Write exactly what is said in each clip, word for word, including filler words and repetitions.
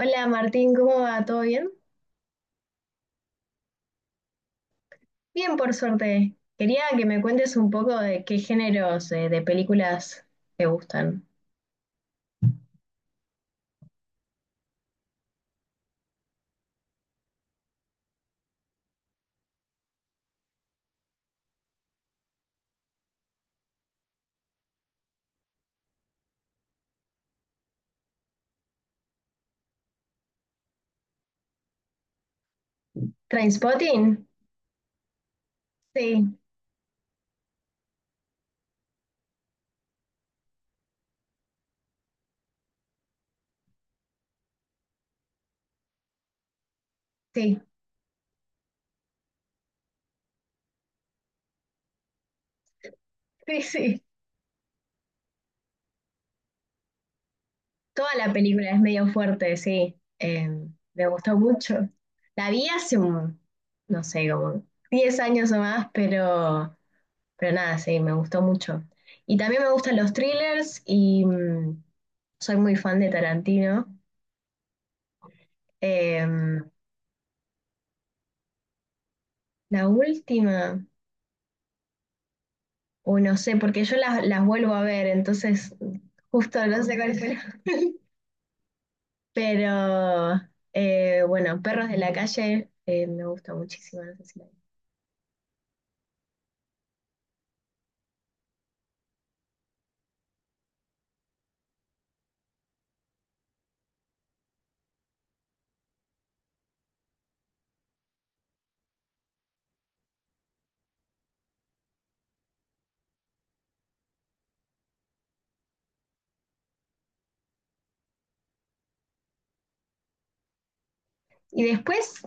Hola Martín, ¿cómo va? ¿Todo bien? Bien, por suerte. Quería que me cuentes un poco de qué géneros eh, de películas te gustan. ¿Trainspotting? Sí, sí, sí, sí. Toda la película es medio fuerte, sí. Eh, me gustó mucho. La vi hace un, no sé, como diez años o más, pero Pero nada, sí, me gustó mucho. Y también me gustan los thrillers y mm, soy muy fan de Tarantino. Em, la última, o no sé, porque yo las, las vuelvo a ver, entonces justo no sé cuál fue. la- Pero eh, bueno, Perros de la Calle eh, me gusta muchísimo. No sé si la vi. Y después,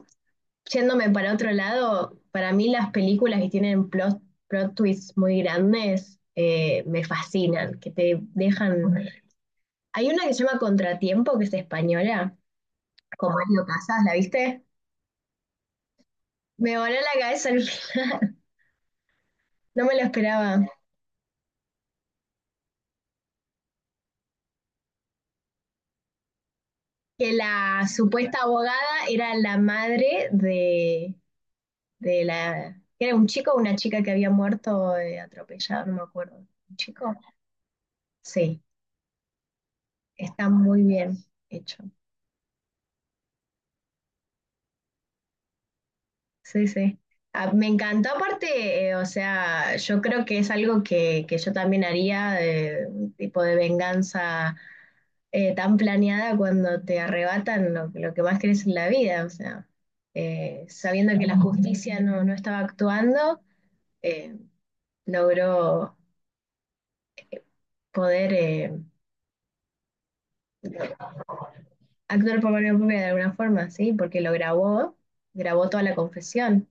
yéndome para otro lado, para mí las películas que tienen plot, plot twists muy grandes, eh, me fascinan, que te dejan. Hay una que se llama Contratiempo, que es española, con Mario Casas, ¿la viste? Me voló la cabeza al final, no me lo esperaba. Que la supuesta abogada era la madre de, de la. ¿Era un chico o una chica que había muerto eh, atropellado? No me acuerdo. ¿Un chico? Sí, está muy bien hecho. Sí, sí. Ah, me encantó aparte, eh, o sea, yo creo que es algo que, que yo también haría, eh, un tipo de venganza eh, tan planeada cuando te arrebatan lo, lo que más querés en la vida, o sea, eh, sabiendo que la justicia no, no estaba actuando, eh, logró poder eh, actuar por mano propia de alguna forma, ¿sí? Porque lo grabó, grabó toda la confesión.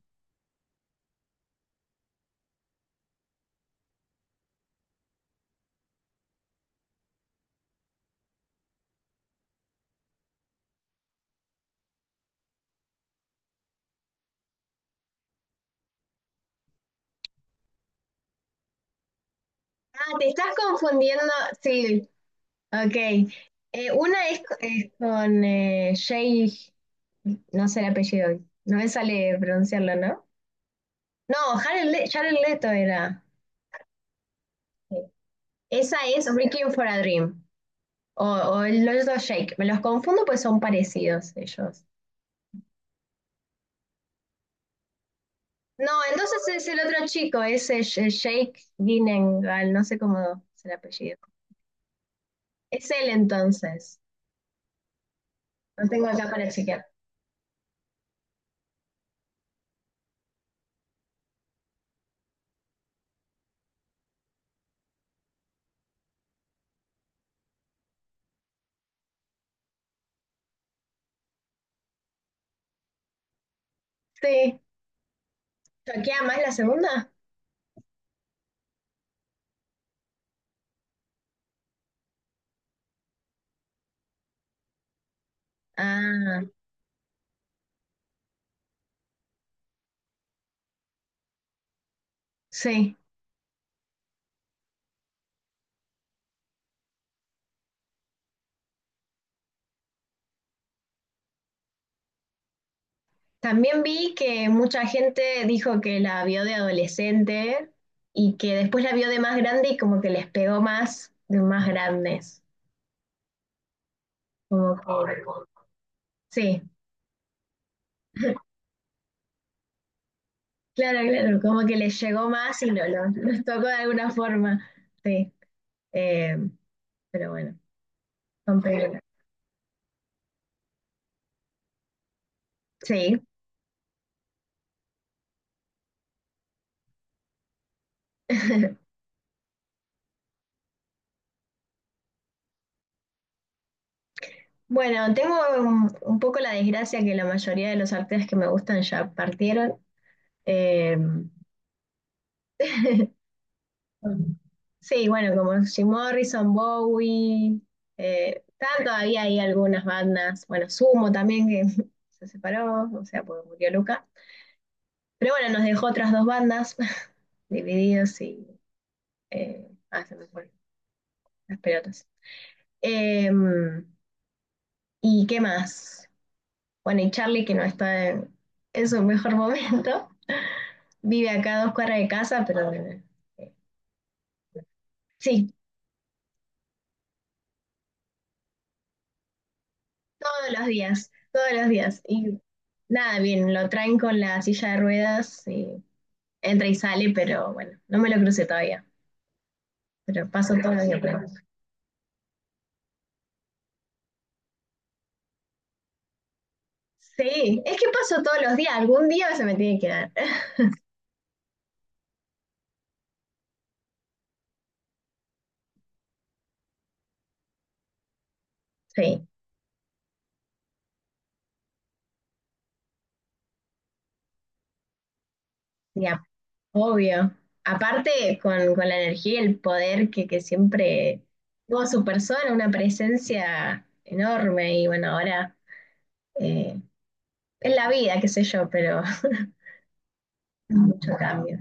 Ah, te estás confundiendo, sí, ok. Eh, una es, co- es con eh, Jay, no sé el apellido, no me sale pronunciarlo, ¿no? No, Jared, Le- Jared Leto era. Esa es Requiem for a Dream o, o el otro Shake. Me los confundo pues son parecidos ellos. No, entonces es el otro chico, es el Sh- Shake Ginengal, no sé cómo es el apellido. Es él entonces. Lo tengo acá para chequear. Sí. ¿Choquea más la segunda? Ah, sí. También vi que mucha gente dijo que la vio de adolescente y que después la vio de más grande y como que les pegó más de más grandes. Como que, sí. Claro, claro, como que les llegó más y no, lo- los tocó de alguna forma. Sí, eh, pero bueno, son películas. Sí. Bueno, tengo un, un poco la desgracia que la mayoría de los artistas que me gustan ya partieron. Eh, sí, bueno, como Jim Morrison, Bowie, eh, están todavía ahí algunas bandas. Bueno, Sumo también, que se separó, o sea, porque murió Luca. Pero bueno, nos dejó otras dos bandas divididos y eh, ah, se me fue. Las pelotas. Em, ¿Y qué más? Bueno, y Charlie, que no está en, en su mejor momento, vive acá a dos cuadras de casa, pero bueno, eh, sí, todos los días, todos los días. Y nada, bien, lo traen con la silla de ruedas y entra y sale, pero bueno, no me lo crucé todavía, pero paso todos los días por ahí. Sí, es que paso todos los días, algún día se me tiene que dar. Sí, ya. Obvio. Aparte, con, con la energía y el poder que, que siempre tuvo su persona, una presencia enorme. Y bueno, ahora eh, es la vida, qué sé yo, pero mucho cambio.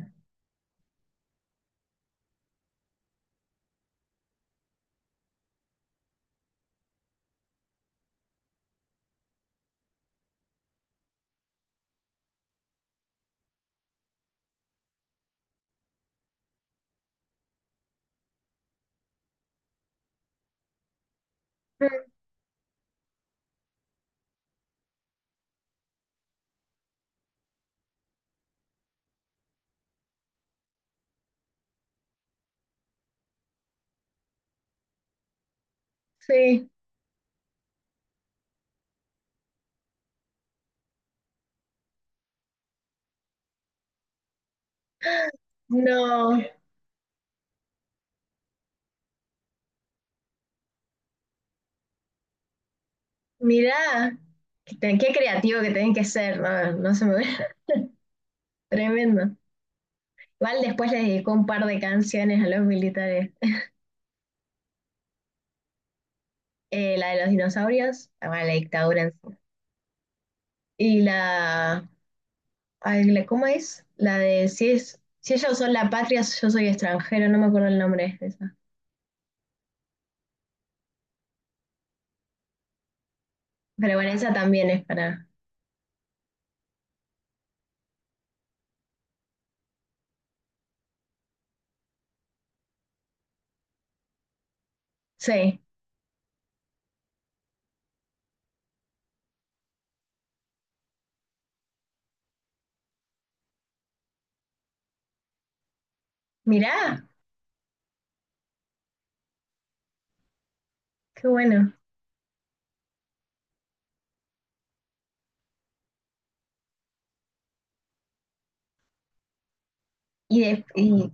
Mm, sí, no. Mirá, qué, te- qué creativo que tenés que ser, no, no se me ve. Tremendo. Igual después les dedicó un par de canciones a los militares. Eh, la de los dinosaurios, ah, bueno, la dictadura en sí. Y la ay, la- ¿cómo es? La de si es, si ellos son la patria, yo soy extranjero, no me acuerdo el nombre de esa. Pero bueno, esa también es para. Sí. Mirá, qué bueno. Y, de- y,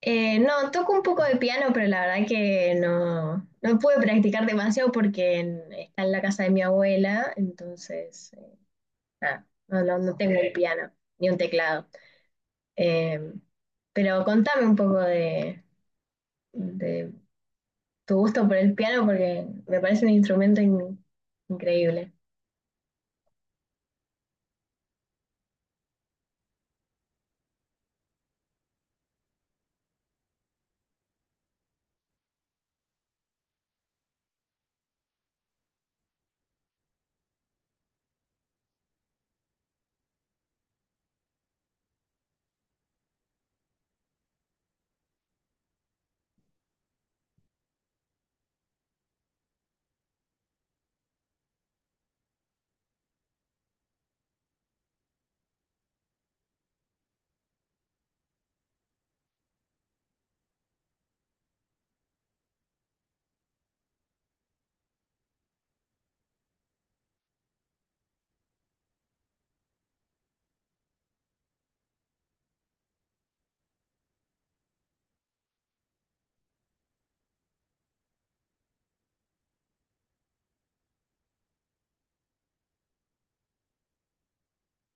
eh, no, toco un poco de piano, pero la verdad que no, no pude practicar demasiado porque en- está en la casa de mi abuela, entonces eh, nada, no, no, no tengo un piano ni un teclado. Eh, pero contame un poco de, de tu gusto por el piano porque me parece un instrumento in- increíble.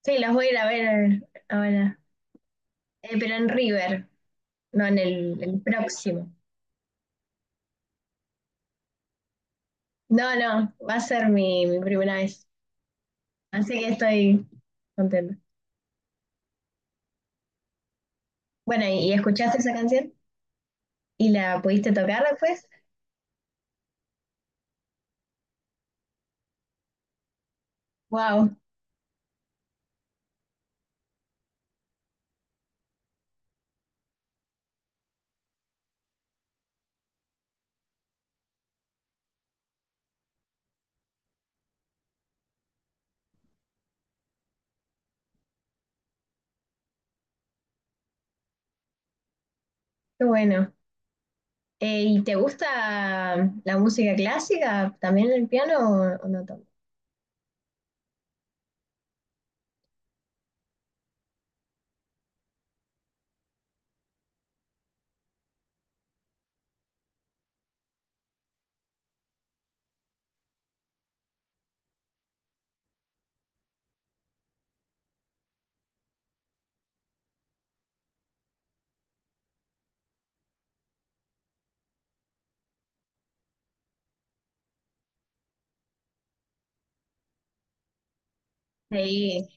Sí, los voy a ir a ver ahora. Eh, pero en River, no en el, el próximo. No, no, va a ser mi, mi primera vez. Así que estoy contenta. Bueno, ¿y, y escuchaste esa canción? ¿Y la pudiste tocar después? ¡Wow! ¡Qué bueno! Eh, ¿y te gusta la música clásica? ¿También el piano o, o no tanto? Sí,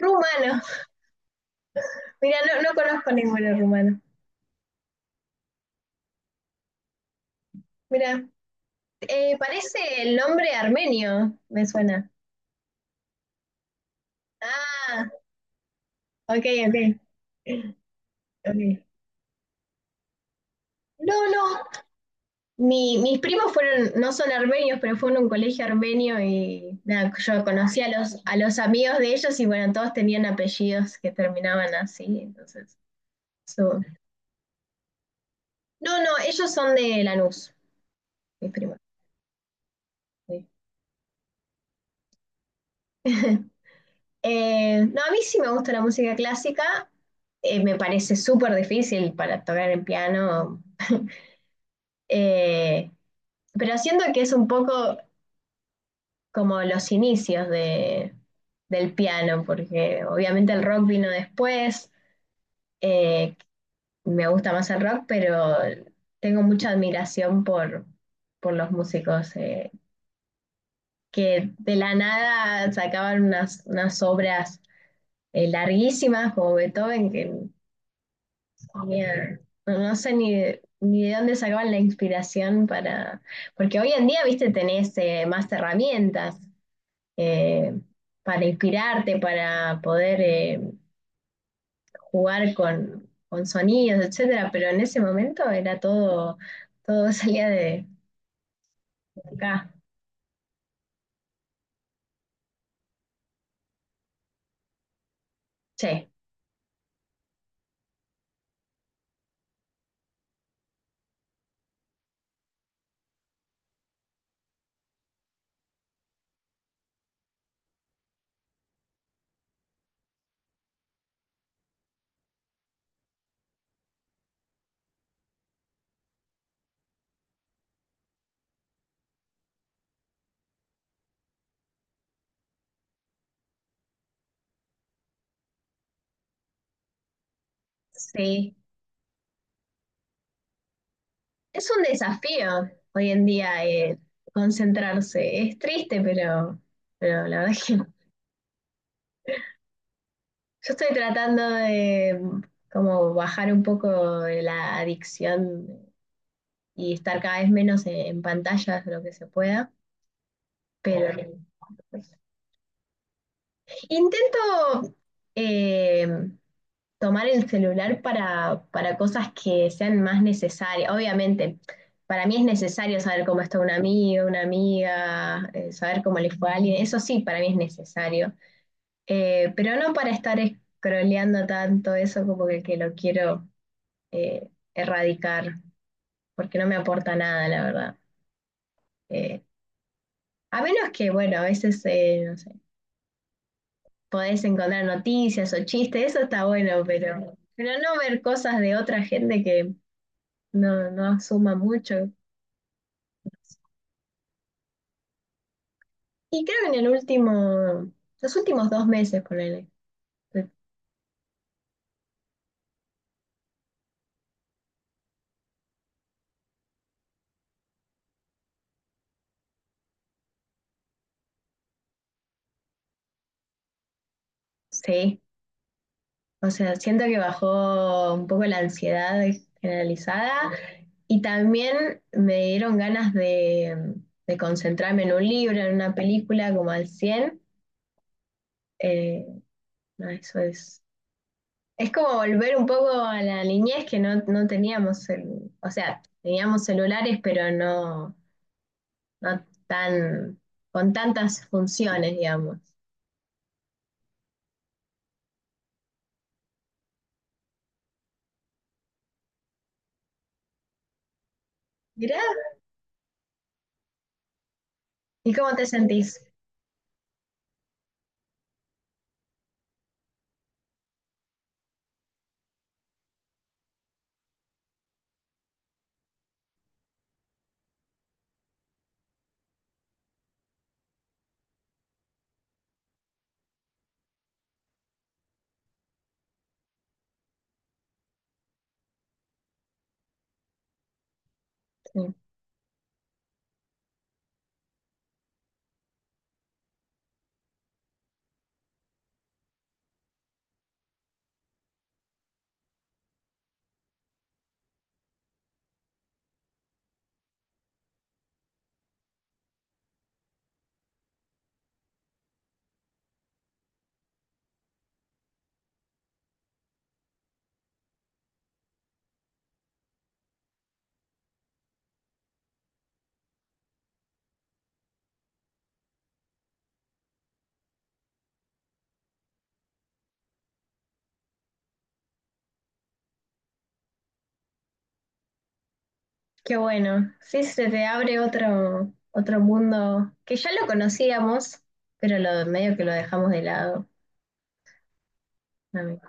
rumano. Mira, no, no conozco ninguno rumano. Mira. Eh, parece el nombre armenio, me suena. Ah, ok, ok. Ok. No, no. Mi- mis primos fueron, no son armenios, pero fueron a un colegio armenio y nada, yo conocí a los, a los amigos de ellos y bueno, todos tenían apellidos que terminaban así, entonces. so- No, no, ellos son de Lanús, mis primos. Sí. Eh, no, a mí sí me gusta la música clásica. Eh, me parece súper difícil para tocar el piano. eh, Pero siento que es un poco como los inicios de, del piano, porque obviamente el rock vino después, eh, me gusta más el rock, pero tengo mucha admiración por, por los músicos eh, que de la nada sacaban unas, unas obras eh, larguísimas como Beethoven, que tenía- no, no sé ni, ni de dónde sacaban la inspiración para. Porque hoy en día, viste, tenés eh, más herramientas. eh, para inspirarte, para poder eh, jugar con, con sonidos, etcétera, pero en ese momento era todo, todo salía de acá. Sí, sí. Es un desafío hoy en día eh, concentrarse. Es triste, pero, pero la verdad es que yo estoy tratando de mm, como bajar un poco la adicción y estar cada vez menos en, en pantallas lo que se pueda, pero intento eh, tomar el celular para, para cosas que sean más necesarias. Obviamente, para mí es necesario saber cómo está un amigo, una amiga, eh, saber cómo le fue a alguien. Eso sí, para mí es necesario. Eh, pero no para estar scrolleando tanto eso como que, que lo quiero eh, erradicar, porque no me aporta nada, la verdad. Eh, a menos que, bueno, a veces, eh, no sé, podés encontrar noticias o chistes, eso está bueno, pero, pero no ver cosas de otra gente que no, no asuma mucho. Y creo que en el último, los últimos dos meses, ponele. Sí, o sea, siento que bajó un poco la ansiedad generalizada y también me dieron ganas de, de concentrarme en un libro, en una película, como al cien. Eh, no, eso es. Es como volver un poco a la niñez que no, no teníamos, el- o sea, teníamos celulares, pero no, no tan, con tantas funciones, digamos. Mirá, ¿y cómo te sentís? Sí, qué bueno. Sí, se te abre otro, otro mundo que ya lo conocíamos, pero lo, medio que lo dejamos de lado. A mí.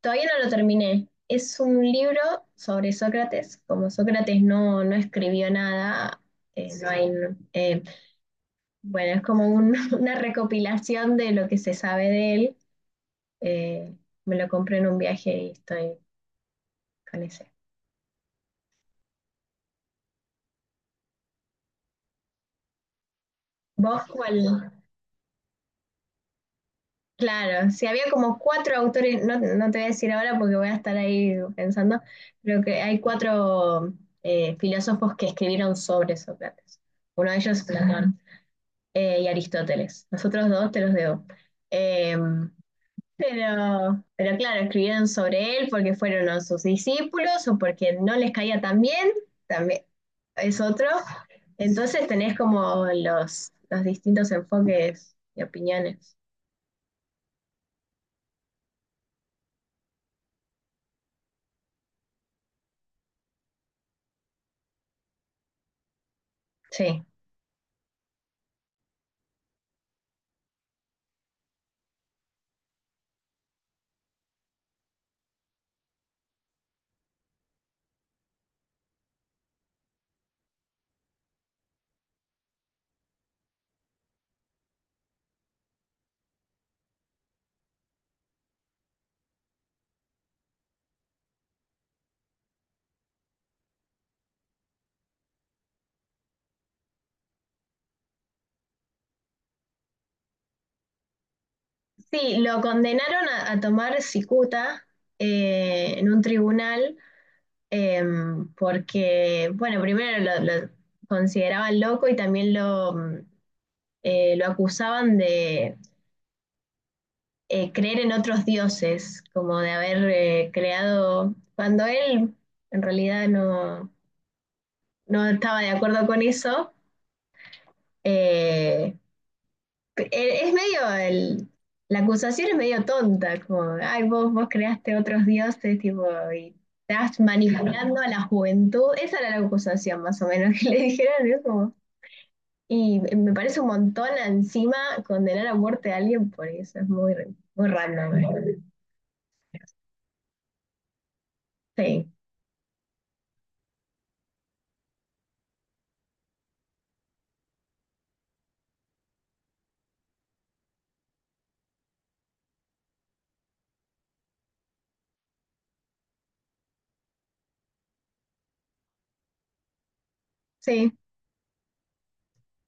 Todavía no lo terminé. Es un libro sobre Sócrates. Como Sócrates no, no escribió nada, eh, no hay, eh, bueno, es como un- una recopilación de lo que se sabe de él. Eh, Me lo compré en un viaje y estoy con ese. ¿Vos cuál? Claro, si había como cuatro autores, no, no te voy a decir ahora porque voy a estar ahí pensando, pero que hay cuatro eh, filósofos que escribieron sobre Sócrates. Uno de ellos es Platón eh, y Aristóteles. Los otros dos te los debo. Em, Pero, pero claro, escribieron sobre él porque fueron a sus discípulos o porque no les caía tan bien, también es otro. Entonces tenés como los, los distintos enfoques y opiniones. Sí. Sí, lo condenaron a, a tomar cicuta eh, en un tribunal eh, porque, bueno, primero lo, lo consideraban loco y también lo, mm, eh, lo acusaban de eh, creer en otros dioses, como de haber eh, creado, cuando él en realidad no, no estaba de acuerdo con eso, eh, e, es medio, el, la acusación es medio tonta, como, ay, vos, vos creaste otros dioses, tipo, y estás manipulando a la juventud, esa era la acusación más o menos que le dijeron, ¿no? como, y me parece un montón encima condenar a muerte a alguien por eso, es muy, muy random. eh. Sí, sí,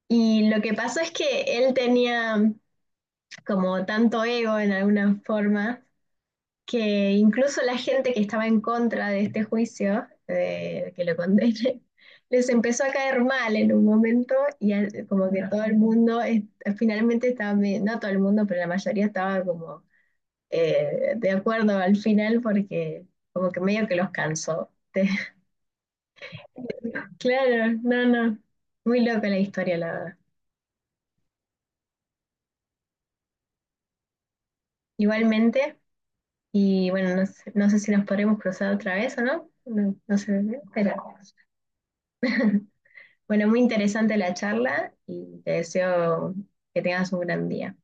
y lo que pasó es que él tenía como tanto ego en alguna forma que incluso la gente que estaba en contra de este juicio, de que lo condenen, les empezó a caer mal en un momento y al- como que todo el mundo es- finalmente estaba, me- no todo el mundo, pero la mayoría estaba como eh, de acuerdo al final porque como que medio que los cansó. Claro, no, no, muy loca la historia, la verdad. Igualmente. Y bueno, no sé, no sé si nos podremos cruzar otra vez o no. No, no sé, pero bueno, muy interesante la charla y te deseo que tengas un gran día.